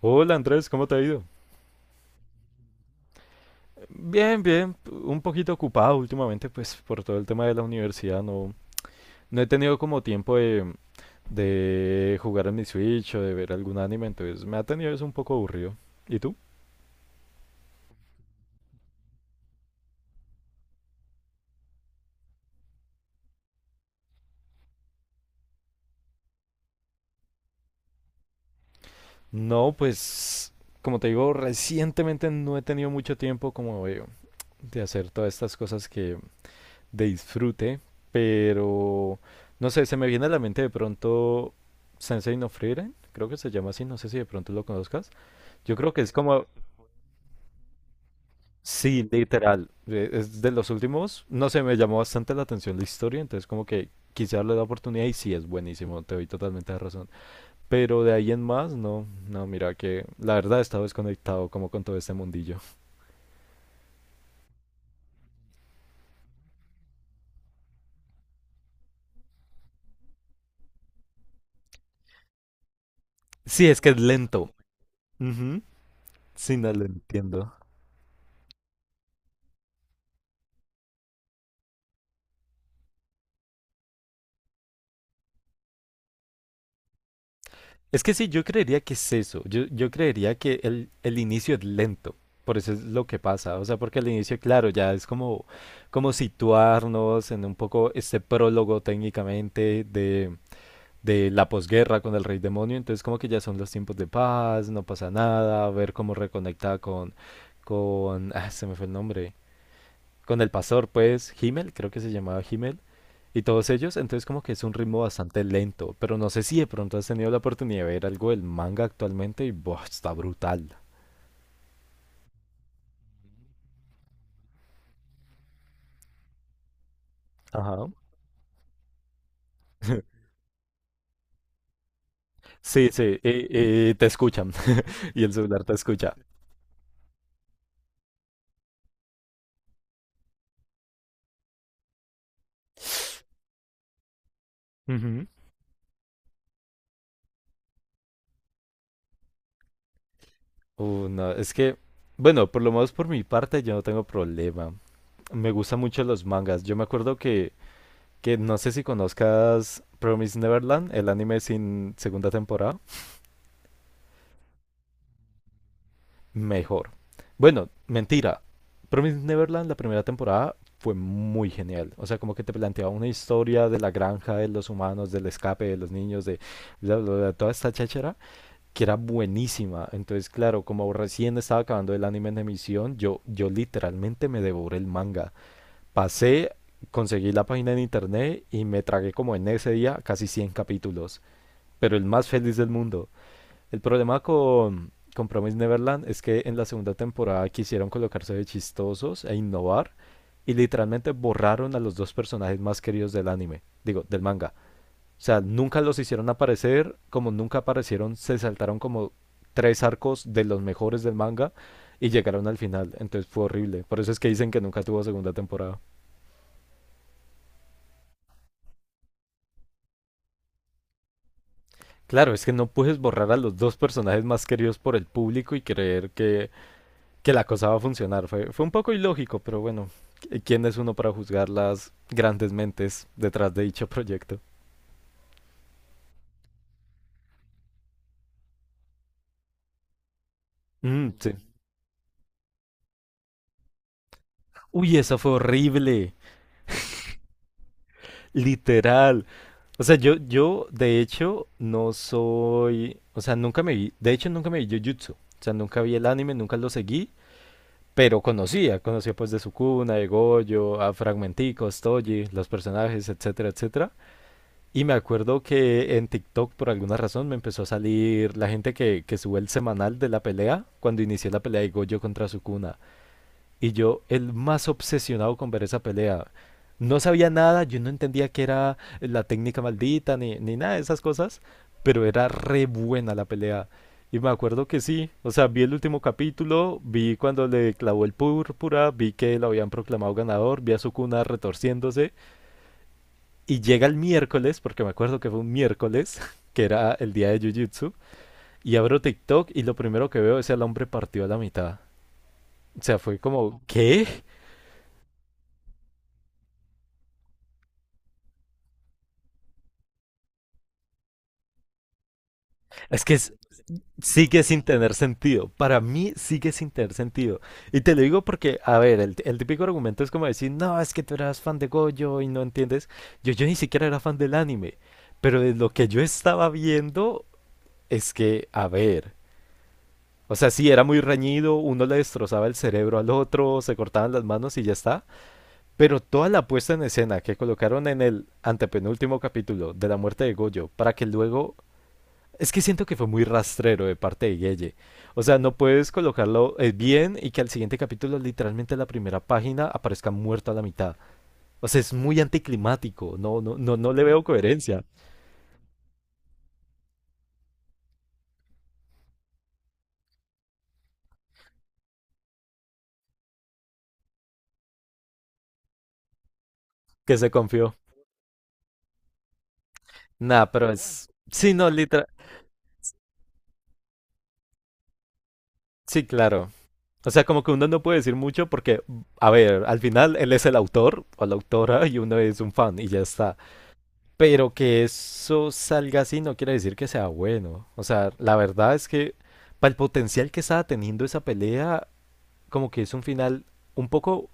Hola Andrés, ¿cómo te ha ido? Bien, bien, un poquito ocupado últimamente, pues por todo el tema de la universidad, no, no he tenido como tiempo de jugar en mi Switch o de ver algún anime, entonces me ha tenido eso un poco aburrido. ¿Y tú? No, pues como te digo, recientemente no he tenido mucho tiempo como de hacer todas estas cosas que de disfrute, pero no sé, se me viene a la mente de pronto Sensei no Frieren, creo que se llama así, no sé si de pronto lo conozcas. Yo creo que es como... Es de los últimos, no sé, me llamó bastante la atención la historia, entonces como que quise darle la oportunidad y sí, es buenísimo, te doy totalmente la razón. Pero de ahí en más, no, no, mira que la verdad he estado desconectado como con todo este mundillo. Sí, es que es lento. Ujú. Sí, no lo entiendo. Es que sí, yo creería que es eso. Yo creería que el inicio es lento. Por eso es lo que pasa. O sea, porque el inicio, claro, ya es como situarnos en un poco este prólogo técnicamente de la posguerra con el rey demonio, entonces como que ya son los tiempos de paz, no pasa nada, ver cómo reconecta con se me fue el nombre, con el pastor, pues, Himmel, creo que se llamaba Himmel, y todos ellos, entonces como que es un ritmo bastante lento, pero no sé si de pronto has tenido la oportunidad de ver algo del manga actualmente y, buah, está brutal. Ajá. Sí, sí, y te escuchan, y el celular te escucha. Ujú. No, es que, bueno, por lo menos por mi parte yo no tengo problema. Me gustan mucho los mangas. Yo me acuerdo que no sé si conozcas Promise Neverland, el anime sin segunda temporada. Mejor. Bueno, mentira. Promise Neverland, la primera temporada, fue muy genial. O sea, como que te planteaba una historia de la granja, de los humanos, del escape, de los niños, de bla, bla, bla, toda esta cháchara, que era buenísima. Entonces, claro, como recién estaba acabando el anime en emisión, yo literalmente me devoré el manga. Pasé, conseguí la página en internet y me tragué como en ese día casi 100 capítulos, pero el más feliz del mundo. El problema con Promise Neverland es que en la segunda temporada quisieron colocarse de chistosos e innovar y literalmente borraron a los dos personajes más queridos del anime, digo, del manga. O sea, nunca los hicieron aparecer, como nunca aparecieron, se saltaron como tres arcos de los mejores del manga y llegaron al final, entonces fue horrible. Por eso es que dicen que nunca tuvo segunda temporada. Claro, es que no puedes borrar a los dos personajes más queridos por el público y creer que la cosa va a funcionar. Fue un poco ilógico, pero bueno, ¿quién es uno para juzgar las grandes mentes detrás de dicho proyecto? Mm, sí. Uy, esa fue horrible, literal. O sea, yo de hecho no soy, o sea, nunca me vi, de hecho nunca me vi Jujutsu. O sea, nunca vi el anime, nunca lo seguí, pero conocía pues de Sukuna, de Gojo, a Fragmenticos, Toji, los personajes, etcétera, etcétera. Y me acuerdo que en TikTok por alguna razón me empezó a salir la gente que sube el semanal de la pelea cuando inicié la pelea de Gojo contra Sukuna. Y yo el más obsesionado con ver esa pelea. No sabía nada, yo no entendía qué era la técnica maldita ni nada de esas cosas, pero era re buena la pelea. Y me acuerdo que sí, o sea, vi el último capítulo, vi cuando le clavó el púrpura, vi que lo habían proclamado ganador, vi a Sukuna retorciéndose y llega el miércoles, porque me acuerdo que fue un miércoles, que era el día de Jujutsu, y abro TikTok y lo primero que veo es el hombre partido a la mitad. O sea, fue como, ¿qué? Es que es- Sigue sin tener sentido. Para mí sigue sin tener sentido. Y te lo digo porque, a ver, el típico argumento es como decir, no, es que tú eras fan de Gojo y no entiendes. Yo ni siquiera era fan del anime. Pero de lo que yo estaba viendo es que, a ver. O sea, sí, era muy reñido, uno le destrozaba el cerebro al otro, se cortaban las manos y ya está. Pero toda la puesta en escena que colocaron en el antepenúltimo capítulo de la muerte de Goyo, para que luego. Es que siento que fue muy rastrero de parte de Guille. O sea, no puedes colocarlo bien y que al siguiente capítulo, literalmente en la primera página, aparezca muerto a la mitad. O sea, es muy anticlimático. No, no, no, no le veo coherencia. Que se confió. Nah, pero es. Sí, no, literal. Sí, claro. O sea, como que uno no puede decir mucho porque, a ver, al final él es el autor o la autora y uno es un fan y ya está. Pero que eso salga así no quiere decir que sea bueno. O sea, la verdad es que para el potencial que estaba teniendo esa pelea, como que es un final un poco,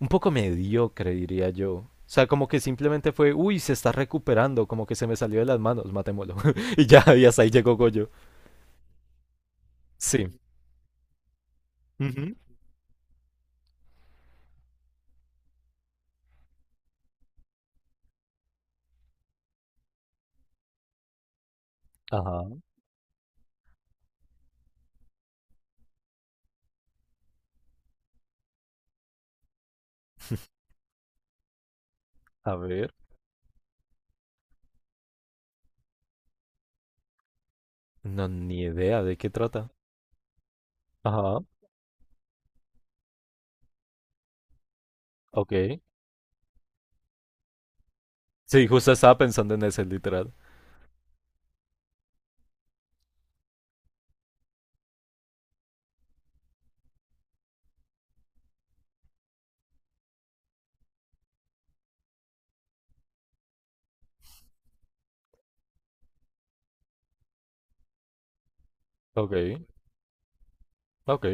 un poco mediocre, diría yo. O sea, como que simplemente fue, uy, se está recuperando, como que se me salió de las manos, matémoslo. y ya, y hasta ahí llegó Goyo. Sí. Ujú. Ajá, a ver. No, ni idea de qué trata. Ajá. Ok. Sí, justo estaba pensando en ese, literal. Ok, ok,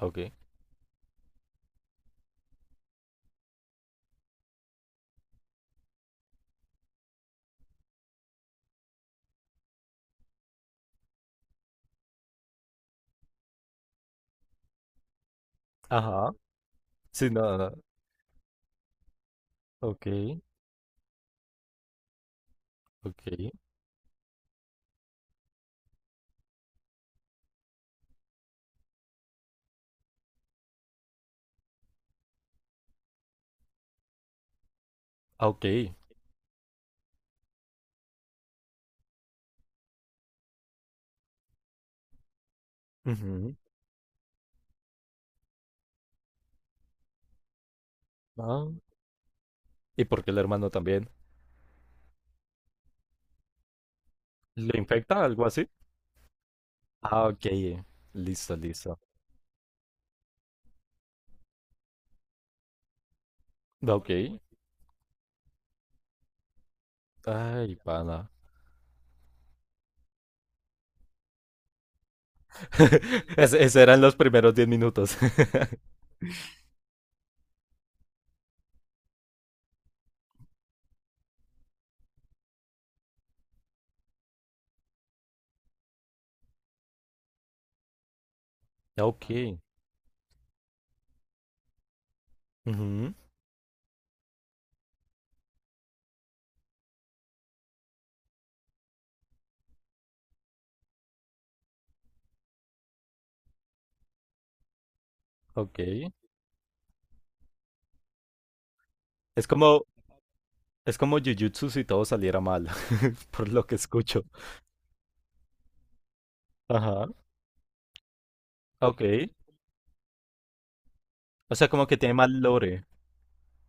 ok. Ajá. Sí, no, no. Ok, ok, ah, ok. Ujú. Ah, ¿y por qué el hermano también? ¿Le infecta algo así? Ah, ok. Listo, listo. Ok. Ay, pana. Esos eran los primeros 10 minutos. Ok. Ujú. Ok. Es como, es como Jujutsu si todo saliera mal, por lo que escucho. Ajá. Ok. O sea, como que tiene mal lore.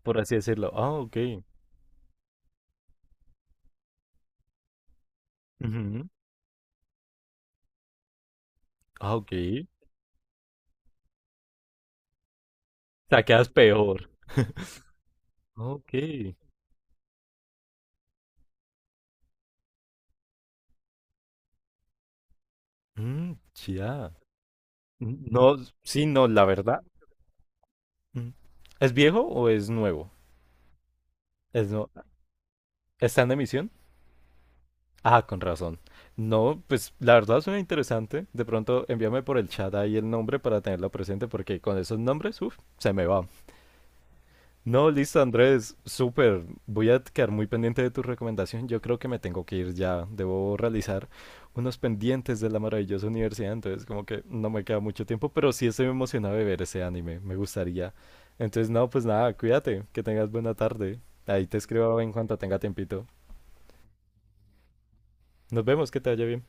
por así decirlo. Ah, ok. Ujú. Ah, ok. O sea, quedas peor. Ok. Mm, ya. No, sí, no, la verdad. Mm. ¿Es viejo o es nuevo? ¿Es no... ¿Está en emisión? Ah, con razón. No, pues la verdad suena interesante. De pronto envíame por el chat ahí el nombre para tenerlo presente porque con esos nombres, uff, se me va. No, listo, Andrés, súper. Voy a quedar muy pendiente de tu recomendación. Yo creo que me tengo que ir ya. Debo realizar unos pendientes de la maravillosa universidad, entonces como que no me queda mucho tiempo, pero sí estoy emocionado de ver ese anime. Me gustaría. Entonces, no, pues nada, cuídate, que tengas buena tarde. Ahí te escribo en cuanto tenga tiempito. Nos vemos, que te vaya bien.